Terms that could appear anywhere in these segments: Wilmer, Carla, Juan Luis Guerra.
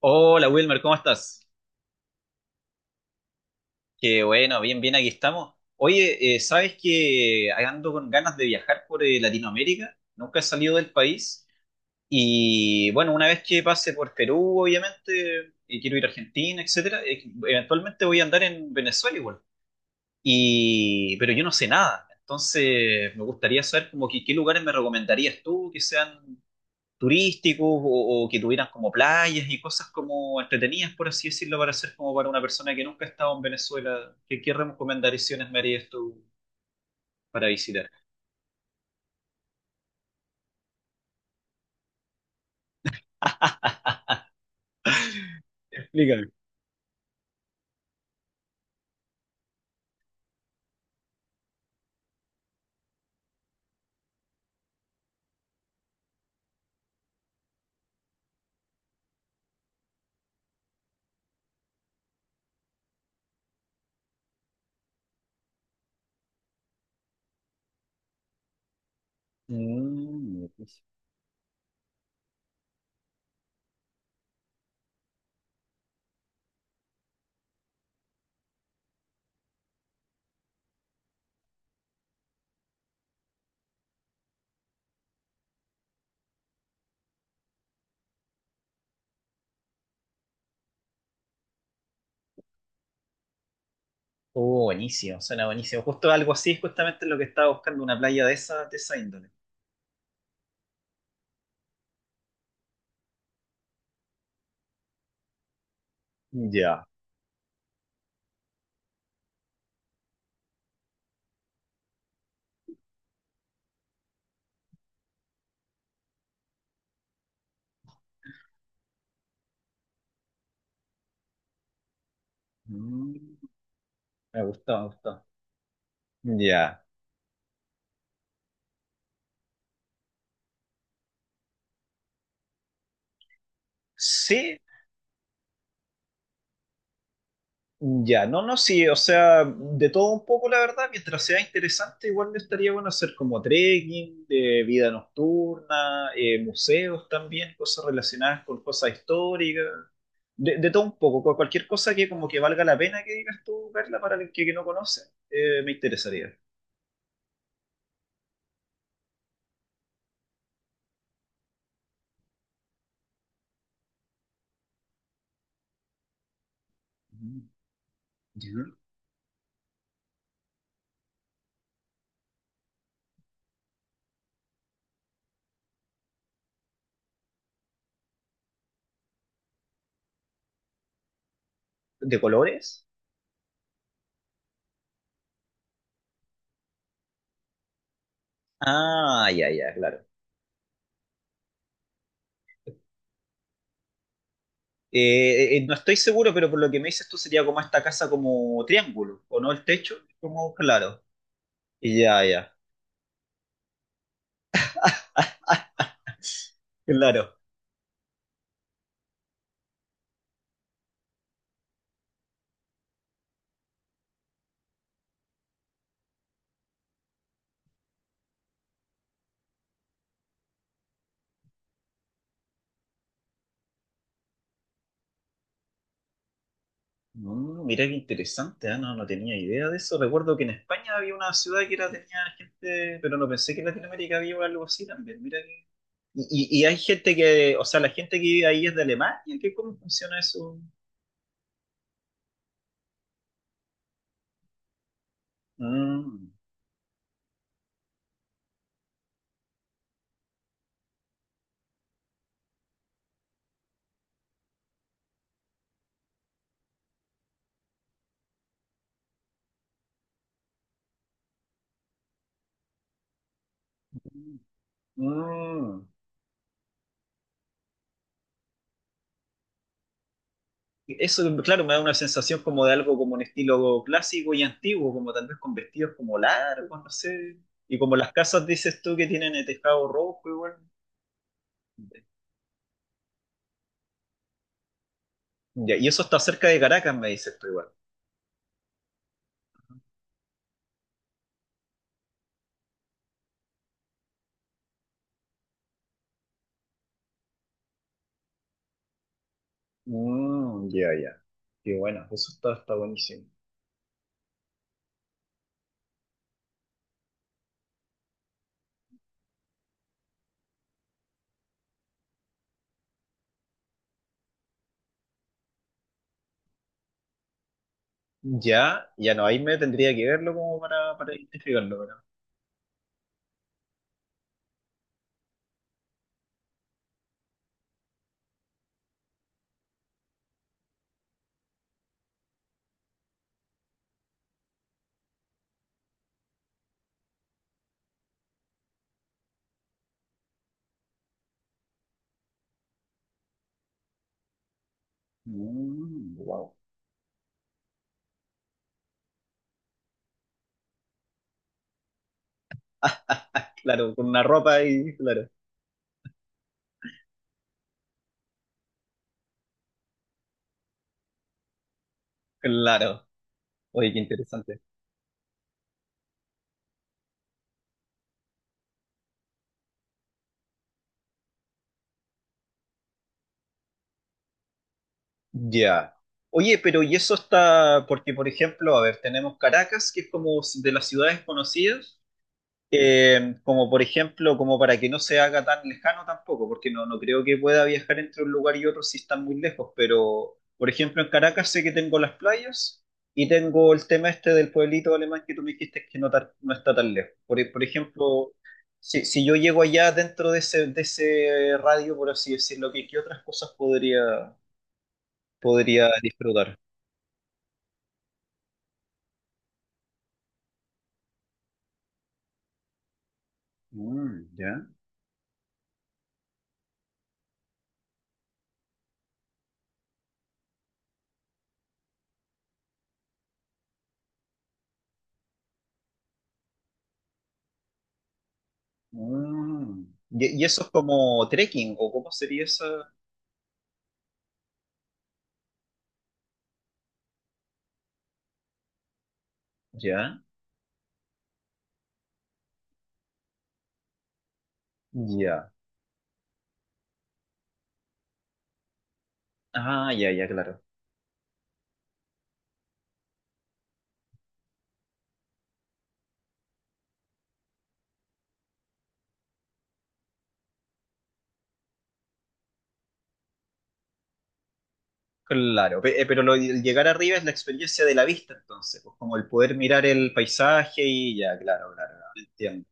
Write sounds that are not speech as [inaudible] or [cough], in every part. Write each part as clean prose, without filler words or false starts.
Hola Wilmer, ¿cómo estás? Qué bueno, bien, bien, aquí estamos. Oye, ¿sabes que ando con ganas de viajar por Latinoamérica? Nunca he salido del país y bueno, una vez que pase por Perú, obviamente, y quiero ir a Argentina, etcétera, eventualmente voy a andar en Venezuela igual. Pero yo no sé nada, entonces me gustaría saber como que qué lugares me recomendarías tú que sean turísticos o que tuvieran como playas y cosas como entretenidas, por así decirlo, para hacer como para una persona que nunca ha estado en Venezuela. ¿Qué recomendaciones me harías tú para visitar? Explícame. Mm, oh, buenísimo, suena buenísimo. Justo algo así es justamente lo que estaba buscando, una playa de esa índole. Ya. Mm, me gustó, me gustó. Ya. Sí, ya, no, no, sí, o sea, de todo un poco, la verdad, mientras sea interesante, igual me estaría bueno hacer como trekking, de vida nocturna, museos también, cosas relacionadas con cosas históricas, de todo un poco, cualquier cosa que como que valga la pena que digas tú, Carla, para el que no conoce, me interesaría. Ujú. Ya. ¿De colores? Ah, ya, ya, claro. No estoy seguro, pero por lo que me dices tú sería como esta casa como triángulo, ¿o no? El techo, como claro. Ya, ya. Claro. Mm, mira qué interesante, ah, no, no tenía idea de eso. Recuerdo que en España había una ciudad que era, tenía gente, pero no pensé que en Latinoamérica había algo así también. Y hay gente que, o sea, la gente que vive ahí es de Alemania. ¿ cómo funciona eso? Mm, mm. Eso, claro, me da una sensación como de algo como un estilo clásico y antiguo, como tal vez con vestidos como largos, no sé. Y como las casas, dices tú, que tienen el tejado rojo igual. Ya, y eso está cerca de Caracas, me dices tú igual. Mm, ya, ya. Qué bueno, eso está, está buenísimo. Ya, ya no, ahí me tendría que verlo como para identificarlo, pero. Mm, wow. [laughs] Claro, con una ropa y claro, claro. Oye, qué interesante. Ya. Oye, pero y eso está, porque por ejemplo, a ver, tenemos Caracas, que es como de las ciudades conocidas. Como por ejemplo, como para que no se haga tan lejano tampoco, porque no, no creo que pueda viajar entre un lugar y otro si están muy lejos, pero por ejemplo en Caracas sé que tengo las playas y tengo el tema este del pueblito alemán que tú me dijiste que no, no está tan lejos. Por ejemplo, si, si yo llego allá dentro de ese radio, por así decirlo, ¿qué otras cosas podría, podría disfrutar? Mm, ya. Mm. Y eso es como trekking, ¿o cómo sería esa? Ya. Ya. Ah, ya, ya, claro. Claro, pero lo, el llegar arriba es la experiencia de la vista, entonces, pues como el poder mirar el paisaje y ya, claro, claro, claro, entiendo.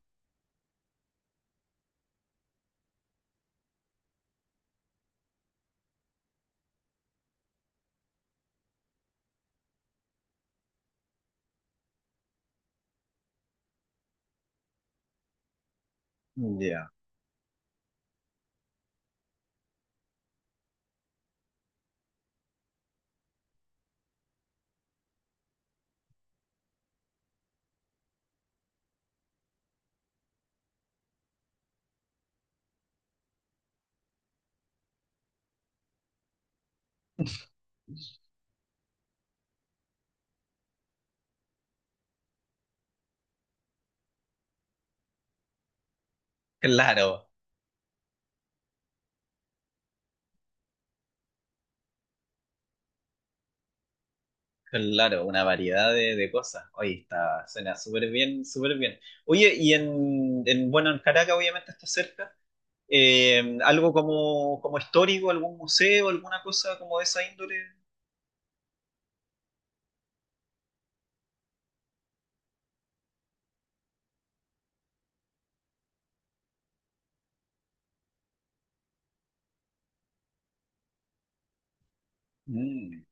Ya. Claro, claro, una variedad de cosas. Oye, está, suena súper bien, súper bien. Oye, bueno, en Caracas obviamente está cerca. Algo como, como histórico, algún museo, alguna cosa como de esa índole. Mm,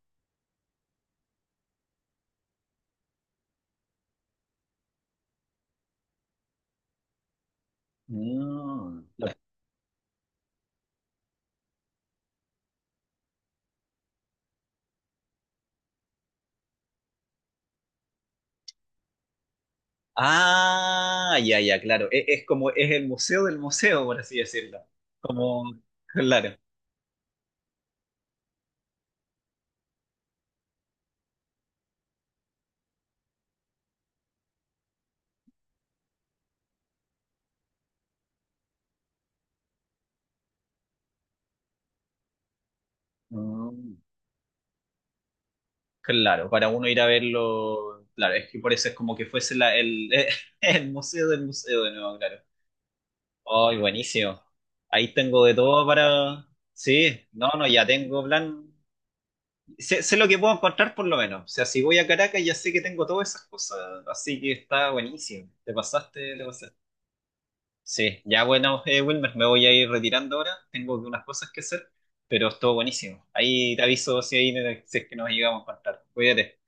mm. Ah, ya, ya, claro. E- es, como, es el museo del museo, por así decirlo. Como, claro. Mm, claro, para uno ir a verlo, claro, es que por eso es como que fuese la, el, [laughs] el museo del museo de nuevo, claro. Ay, buenísimo. Ahí tengo de todo para... Sí, no, no, ya tengo plan. Sé, sé lo que puedo encontrar por lo menos. O sea, si voy a Caracas ya sé que tengo todas esas cosas. Así que está buenísimo. Te pasaste, te pasaste. Sí, ya bueno, Wilmer, me voy a ir retirando ahora. Tengo unas cosas que hacer, pero estuvo buenísimo. Ahí te aviso si, ahí, si es que nos llegamos a contar. Cuídate.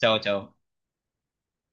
Chao, chao.